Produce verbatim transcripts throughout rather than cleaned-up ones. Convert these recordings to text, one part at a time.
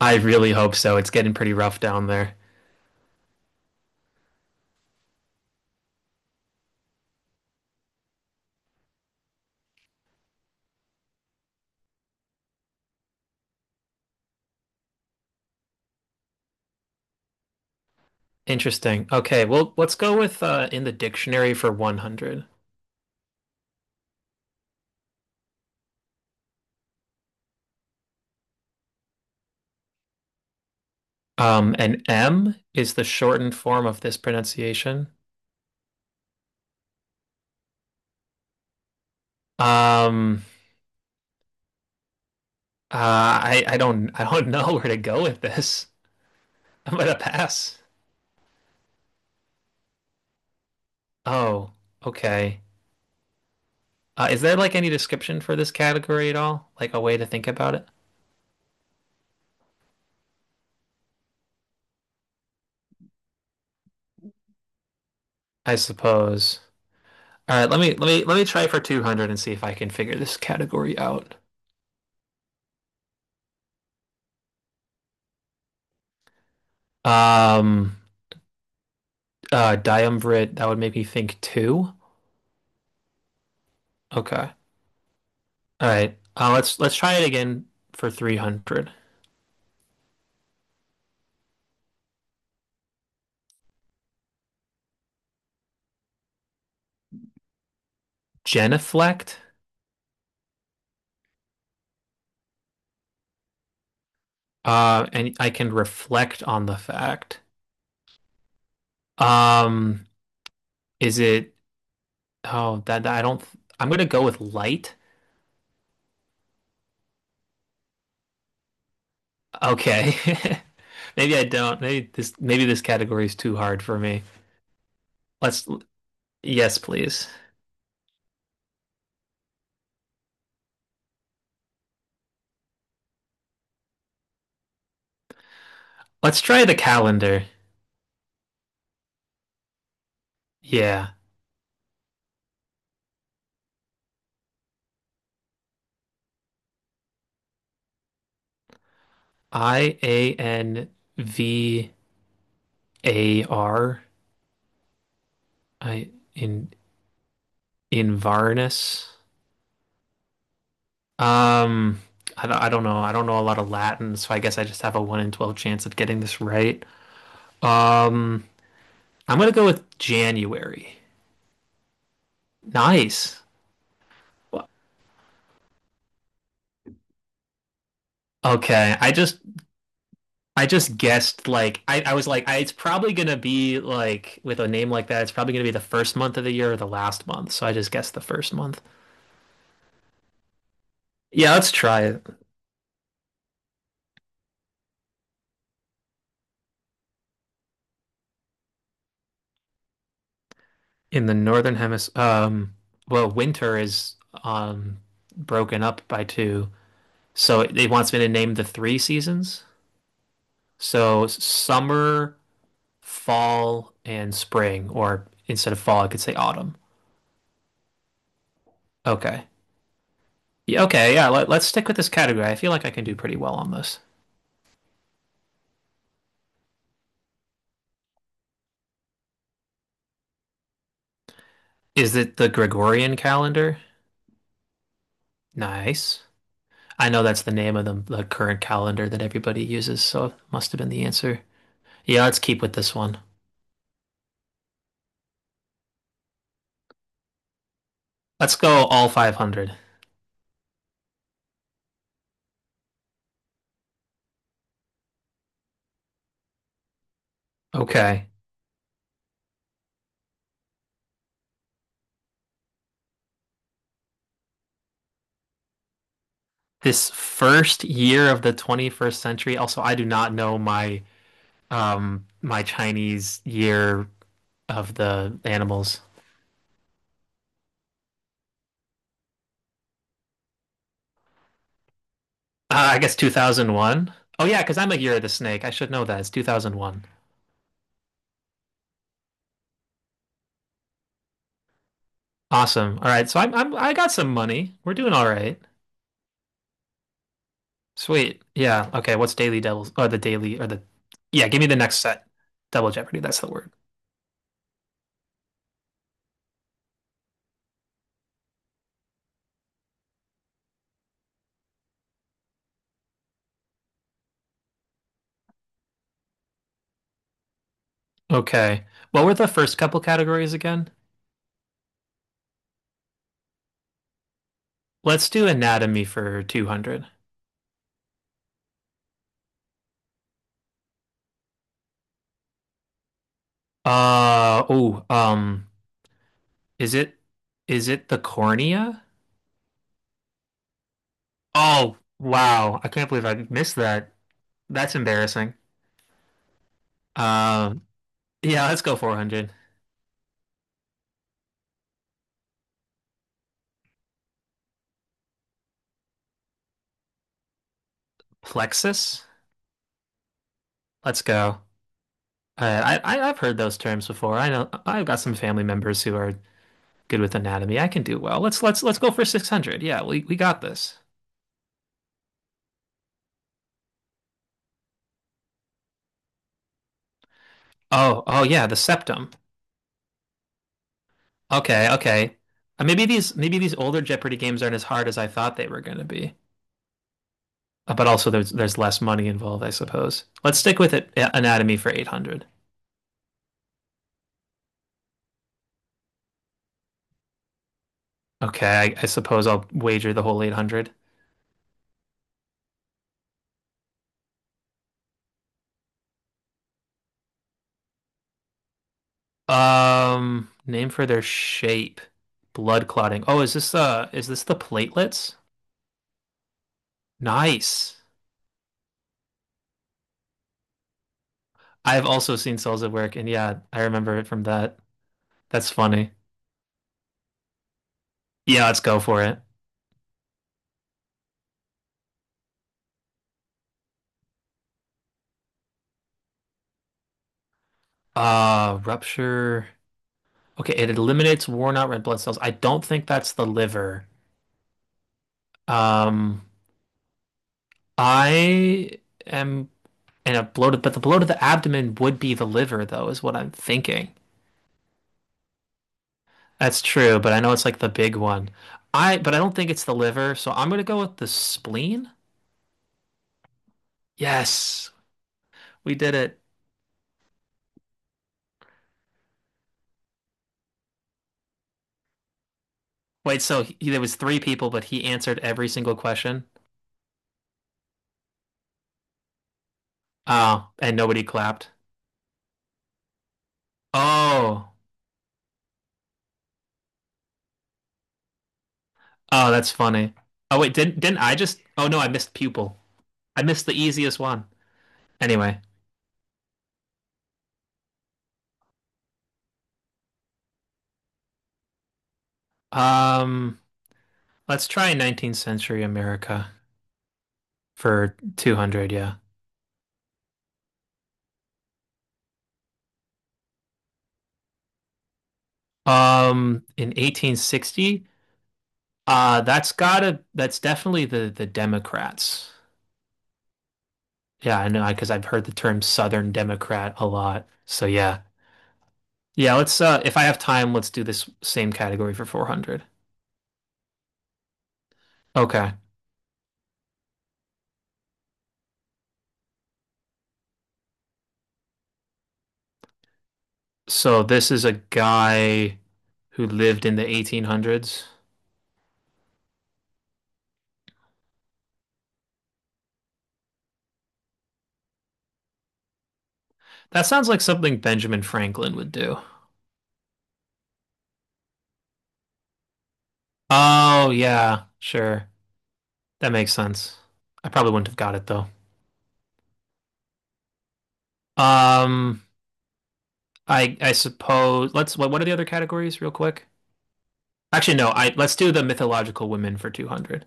I really hope so. It's getting pretty rough down there. Interesting. Okay, well, let's go with uh, in the dictionary for one hundred. Um, and M is the shortened form of this pronunciation. Um, uh, I I don't I don't know where to go with this. I'm gonna pass. Oh, okay. Uh, is there like any description for this category at all? Like a way to think about it? I suppose. All right, let me let me let me try for two hundred and see if I can figure this category out. Um, Uh, Diumvirate, that would make me think two. Okay. All right. Uh, let's let's try it again for three hundred. Genuflect. Uh, and I can reflect on the fact. Um, is it? Oh, that, that I don't. I'm gonna go with light. Okay. Maybe I don't. Maybe this maybe this category is too hard for me. Let's Yes, please. Let's try the calendar. Yeah. I A N V A R I in in Varnus. Um, I don't, I don't know. I don't know a lot of Latin, so I guess I just have a one in twelve chance of getting this right. Um, I'm gonna go with January. Nice. Okay, I just I just guessed, like, I, I was like, I, it's probably gonna be, like, with a name like that, it's probably gonna be the first month of the year or the last month, so I just guessed the first month. Yeah, let's try it. In the northern hemisphere. Um, well, winter is um broken up by two. So it, it wants me to name the three seasons. So summer, fall, and spring, or instead of fall, I could say autumn. Okay. Yeah, okay, yeah, let, let's stick with this category. I feel like I can do pretty well on this. Is it the Gregorian calendar? Nice. I know that's the name of the, the current calendar that everybody uses, so it must have been the answer. Yeah, let's keep with this one. Let's go all five hundred. Okay. This first year of the twenty-first century. Also, I do not know my um my Chinese year of the animals. Uh, I guess two thousand one. Oh yeah, because I'm a year of the snake. I should know that. It's two thousand one. Awesome. All right, so I'm, I'm I got some money. We're doing all right. Sweet. Yeah. Okay. What's Daily Devils, or the Daily, or the— Yeah, give me the next set. Double Jeopardy, that's the word. Okay. What were the first couple categories again? Let's do anatomy for two hundred. Uh oh, um is it is it the cornea? Oh, wow. I can't believe I missed that. That's embarrassing. Um, yeah, let's go four hundred. Plexus? Let's go. Uh, I, I I've heard those terms before. I know I've got some family members who are good with anatomy. I can do well. Let's let's let's go for six hundred. Yeah, we we got this. Oh, oh yeah, the septum. Okay, okay. Uh, maybe these maybe these older Jeopardy games aren't as hard as I thought they were going to be. Uh, But also there's there's less money involved, I suppose. Let's stick with it, a- anatomy for eight hundred. Okay, I, I suppose I'll wager the whole eight hundred. Um, name for their shape. Blood clotting. Oh, is this uh is this the platelets? Nice. I've also seen cells at work, and yeah, I remember it from that. That's funny. Yeah, let's go for it. Uh, rupture. Okay, it eliminates worn out red blood cells. I don't think that's the liver. Um, I am, and a bloated, but the bloat of the abdomen would be the liver though, is what I'm thinking. That's true, but I know it's like the big one. I but I don't think it's the liver, so I'm gonna go with the spleen. Yes, we did it. Wait, so he, there was three people, but he answered every single question. Oh, and nobody clapped. Oh, oh, that's funny. Oh wait, didn't didn't I just? Oh no, I missed pupil. I missed the easiest one. Anyway, um, let's try nineteenth century America for two hundred. Yeah. Um, in eighteen sixty, Uh, that's gotta, that's definitely the the Democrats. Yeah, I know, because I've heard the term Southern Democrat a lot. So yeah. Yeah, let's uh if I have time, let's do this same category for four hundred. Okay. So this is a guy who lived in the eighteen hundreds. That sounds like something Benjamin Franklin would do. Oh, yeah, sure. That makes sense. I probably wouldn't have got it though. Um, I I suppose, let's what what are the other categories real quick? Actually, no. I let's do the mythological women for two hundred.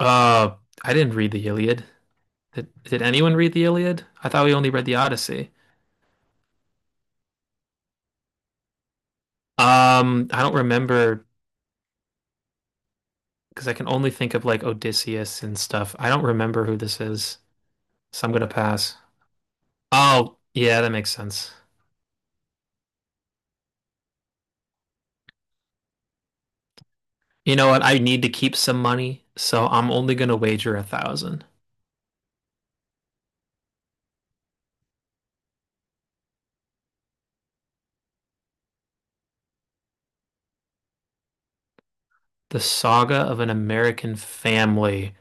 Uh, I didn't read the Iliad. Did, did anyone read the Iliad? I thought we only read the Odyssey. Um, I don't remember, because I can only think of like Odysseus and stuff. I don't remember who this is, so I'm gonna pass. Oh, yeah, that makes sense. You know what? I need to keep some money, so I'm only gonna wager a thousand. The Saga of an American Family.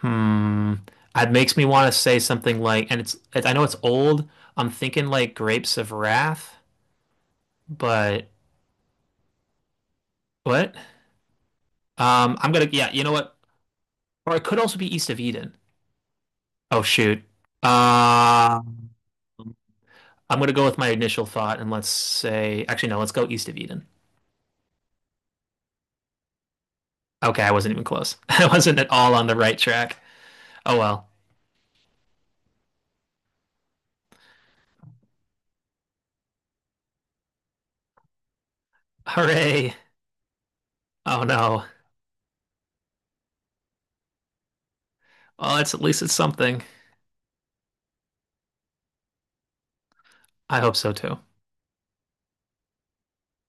Hmm. It makes me want to say something like, and it's, it, I know it's old. I'm thinking like Grapes of Wrath, but what? Um, I'm gonna, yeah, you know what? Or it could also be East of Eden. Oh shoot. Uh, I'm gonna go with my initial thought and let's say, actually no, let's go East of Eden. Okay, I wasn't even close. I wasn't at all on the right track. Oh well. Hooray. Oh no. Well, it's at least it's something. I hope so too.